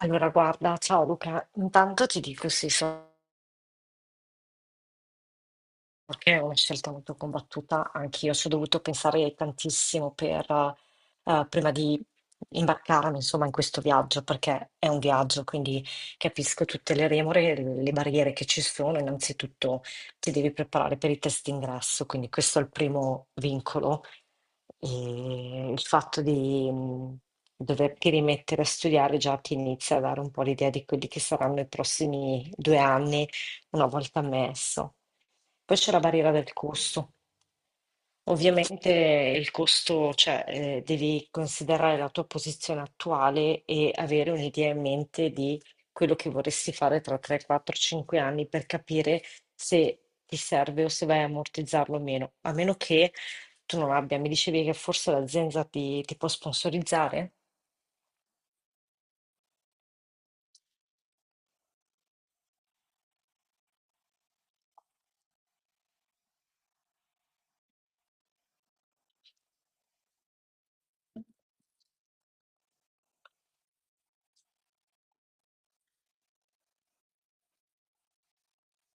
Allora guarda, ciao Luca, intanto ti dico sì, sono che è una scelta molto combattuta, anch'io ci ho dovuto pensare tantissimo prima di imbarcarmi, insomma, in questo viaggio, perché è un viaggio, quindi capisco tutte le remore e le barriere che ci sono. Innanzitutto ti devi preparare per i test d'ingresso, quindi questo è il primo vincolo. E il fatto di doverti rimettere a studiare già ti inizia a dare un po' l'idea di quelli che saranno i prossimi due anni una volta messo. Poi c'è la barriera del costo. Ovviamente il costo, cioè, devi considerare la tua posizione attuale e avere un'idea in mente di quello che vorresti fare tra 3, 4, 5 anni per capire se ti serve o se vai a ammortizzarlo o meno. A meno che tu non abbia, mi dicevi che forse l'azienda ti può sponsorizzare?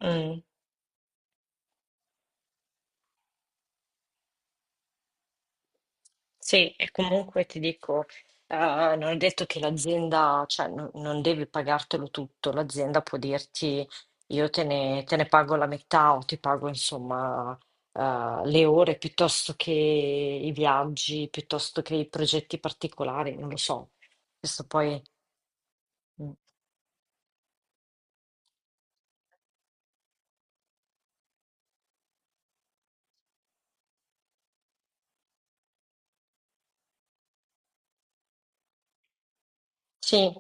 Mm. Sì, e comunque ti dico, eh, non è detto che l'azienda, cioè non devi pagartelo tutto, l'azienda può dirti io te ne pago la metà o ti pago insomma le ore, piuttosto che i viaggi, piuttosto che i progetti particolari, non lo so. Questo poi... mm. Sì.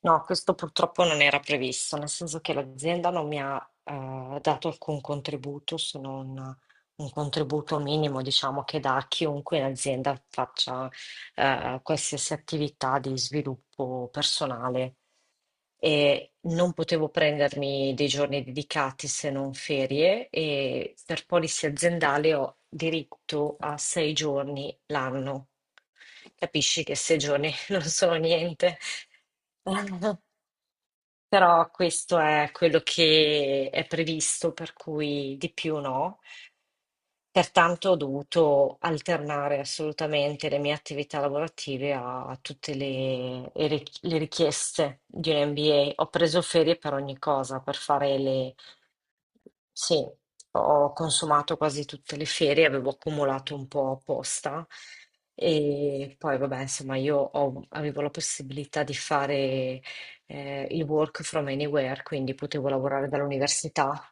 No, questo purtroppo non era previsto, nel senso che l'azienda non mi ha dato alcun contributo se non un contributo minimo, diciamo, che dà a chiunque in azienda faccia qualsiasi attività di sviluppo personale, e non potevo prendermi dei giorni dedicati se non ferie, e per polizia aziendale ho diritto a sei giorni l'anno. Capisci che sei giorni non sono niente. Però questo è quello che è previsto, per cui di più no. Pertanto ho dovuto alternare assolutamente le mie attività lavorative a tutte le richieste di un MBA. Ho preso ferie per ogni cosa, per fare le... Sì, ho consumato quasi tutte le ferie, avevo accumulato un po' apposta, e poi vabbè, insomma, avevo la possibilità di fare il work from anywhere, quindi potevo lavorare dall'università.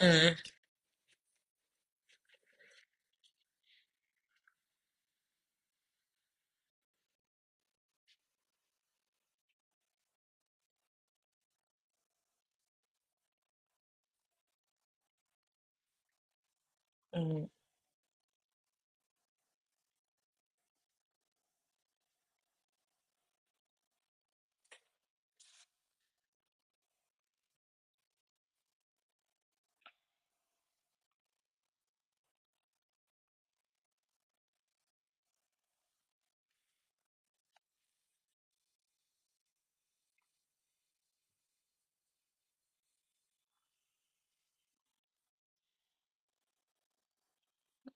Mm. Mm.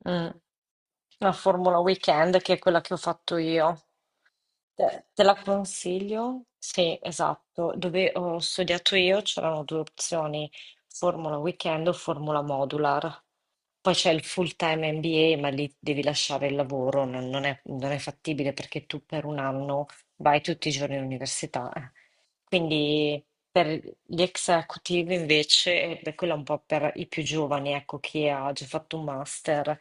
Mm. La Formula Weekend, che è quella che ho fatto io. Te la consiglio? Sì, esatto. Dove ho studiato io c'erano due opzioni, Formula Weekend o Formula Modular. Poi c'è il full-time MBA, ma lì devi lasciare il lavoro, non è fattibile, perché tu per un anno vai tutti i giorni all'università. Eh. Quindi per gli executive invece, ed è quella, è un po' per i più giovani, ecco, chi ha già fatto un master,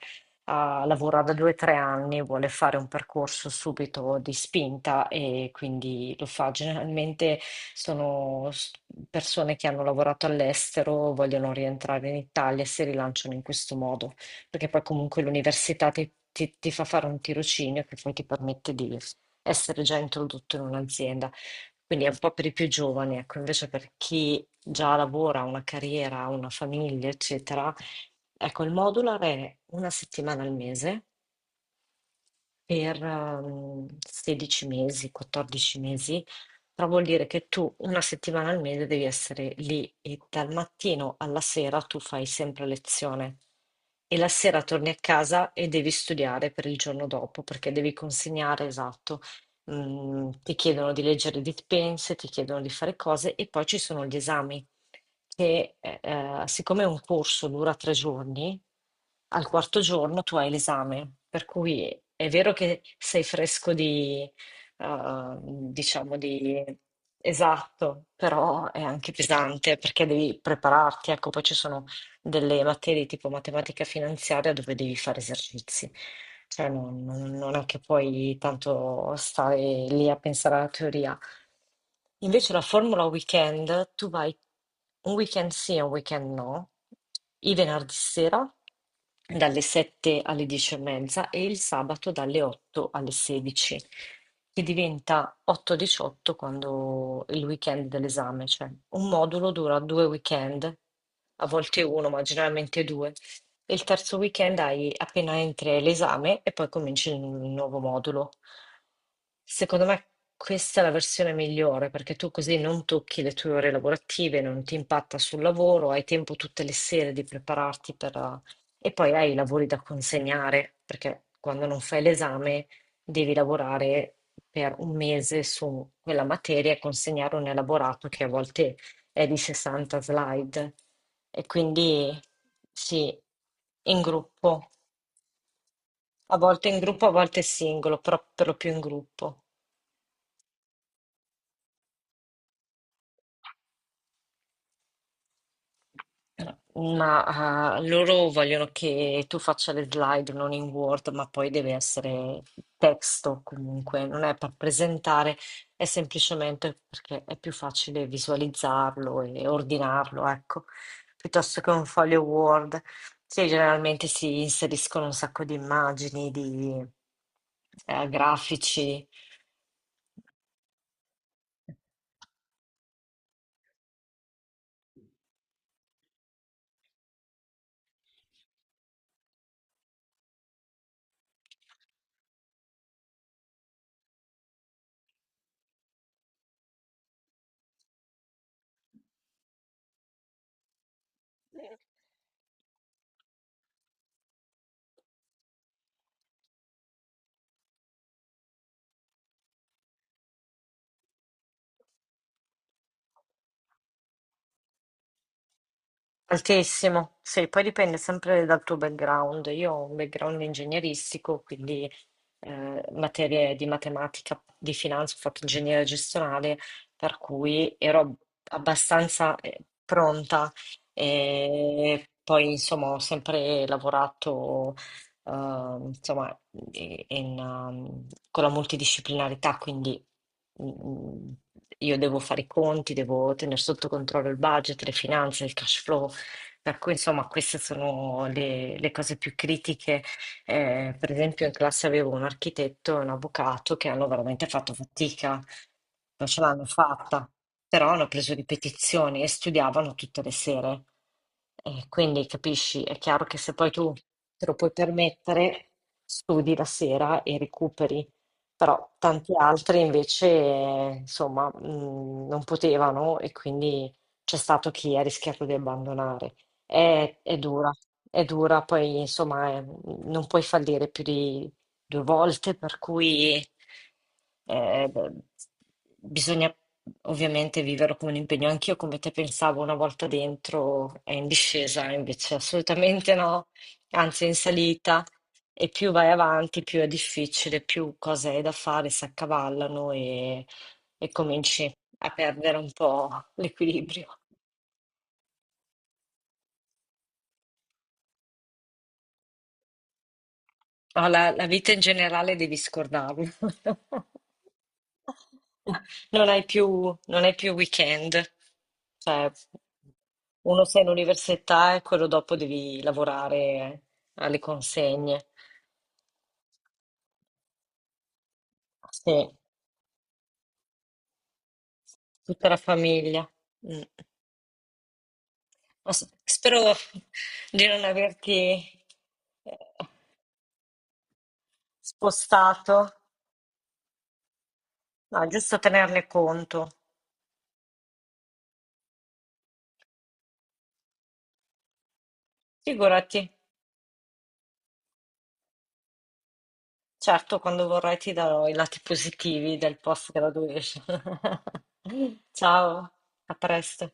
ha lavorato due o tre anni, vuole fare un percorso subito di spinta e quindi lo fa. Generalmente sono s- persone che hanno lavorato all'estero, vogliono rientrare in Italia e si rilanciano in questo modo, perché poi comunque l'università ti fa fare un tirocinio che poi ti permette di essere già introdotto in un'azienda. Quindi è un po' per i più giovani, ecco, invece per chi già lavora, ha una carriera, ha una famiglia, eccetera. Ecco, il modular è una settimana al mese per 16 mesi, 14 mesi, però vuol dire che tu una settimana al mese devi essere lì e dal mattino alla sera tu fai sempre lezione, e la sera torni a casa e devi studiare per il giorno dopo perché devi consegnare, esatto. Mm, ti chiedono di leggere dispense, ti chiedono di fare cose, e poi ci sono gli esami che siccome un corso dura tre giorni, al quarto giorno tu hai l'esame, per cui è vero che sei fresco di, diciamo di... Esatto, però è anche pesante perché devi prepararti, ecco, poi ci sono delle materie tipo matematica finanziaria dove devi fare esercizi. Cioè non è che puoi tanto stare lì a pensare alla teoria. Invece la formula weekend, tu vai un weekend sì e un weekend no, i venerdì sera dalle 7 alle 10 e mezza e il sabato dalle 8 alle 16, che diventa 8-18 quando il weekend dell'esame, cioè un modulo dura due weekend, a volte uno, ma generalmente due. E il terzo weekend hai appena entri l'esame e poi cominci il nuovo modulo. Secondo me questa è la versione migliore, perché tu così non tocchi le tue ore lavorative, non ti impatta sul lavoro, hai tempo tutte le sere di prepararti per... e poi hai i lavori da consegnare perché quando non fai l'esame devi lavorare per un mese su quella materia e consegnare un elaborato che a volte è di 60 slide, e quindi sì, in gruppo, a volte in gruppo, a volte singolo, però per lo più in gruppo. Ma ah, loro vogliono che tu faccia le slide non in Word, ma poi deve essere testo comunque, non è per presentare, è semplicemente perché è più facile visualizzarlo e ordinarlo, ecco, piuttosto che un foglio Word. Sì, generalmente si inseriscono un sacco di immagini, di grafici. Altissimo, sì, poi dipende sempre dal tuo background. Io ho un background ingegneristico, quindi materie di matematica, di finanza, ho fatto ingegneria gestionale, per cui ero abbastanza pronta. E poi, insomma, ho sempre lavorato insomma, in- in, con la multidisciplinarità, quindi mm, mm, io devo fare i conti, devo tenere sotto controllo il budget, le finanze, il cash flow, per cui, insomma, queste sono le cose più critiche. Per esempio, in classe avevo un architetto e un avvocato che hanno veramente fatto fatica, non ce l'hanno fatta, però hanno preso ripetizioni e studiavano tutte le sere. E quindi capisci, è chiaro che se poi tu te lo puoi permettere, studi la sera e recuperi, però tanti altri invece, insomma, non potevano e quindi c'è stato chi ha rischiato di abbandonare. È dura, è dura, poi insomma non puoi fallire più di due volte, per cui beh, bisogna ovviamente viverlo come un impegno. Anch'io come te pensavo una volta dentro è in discesa, invece assolutamente no, anzi è in salita e più vai avanti più è difficile, più cose hai da fare si accavallano, e cominci a perdere un po' l'equilibrio. No, la vita in generale devi scordarlo. Non hai più, non hai più weekend. Cioè, uno sei in università e quello dopo devi lavorare alle consegne. Sì, tutta la famiglia. Mm. Spero di non averti eh, spostato. No, è giusto tenerne conto. Figurati. Certo, quando vorrai ti darò i lati positivi del post-graduation. Ciao, a presto.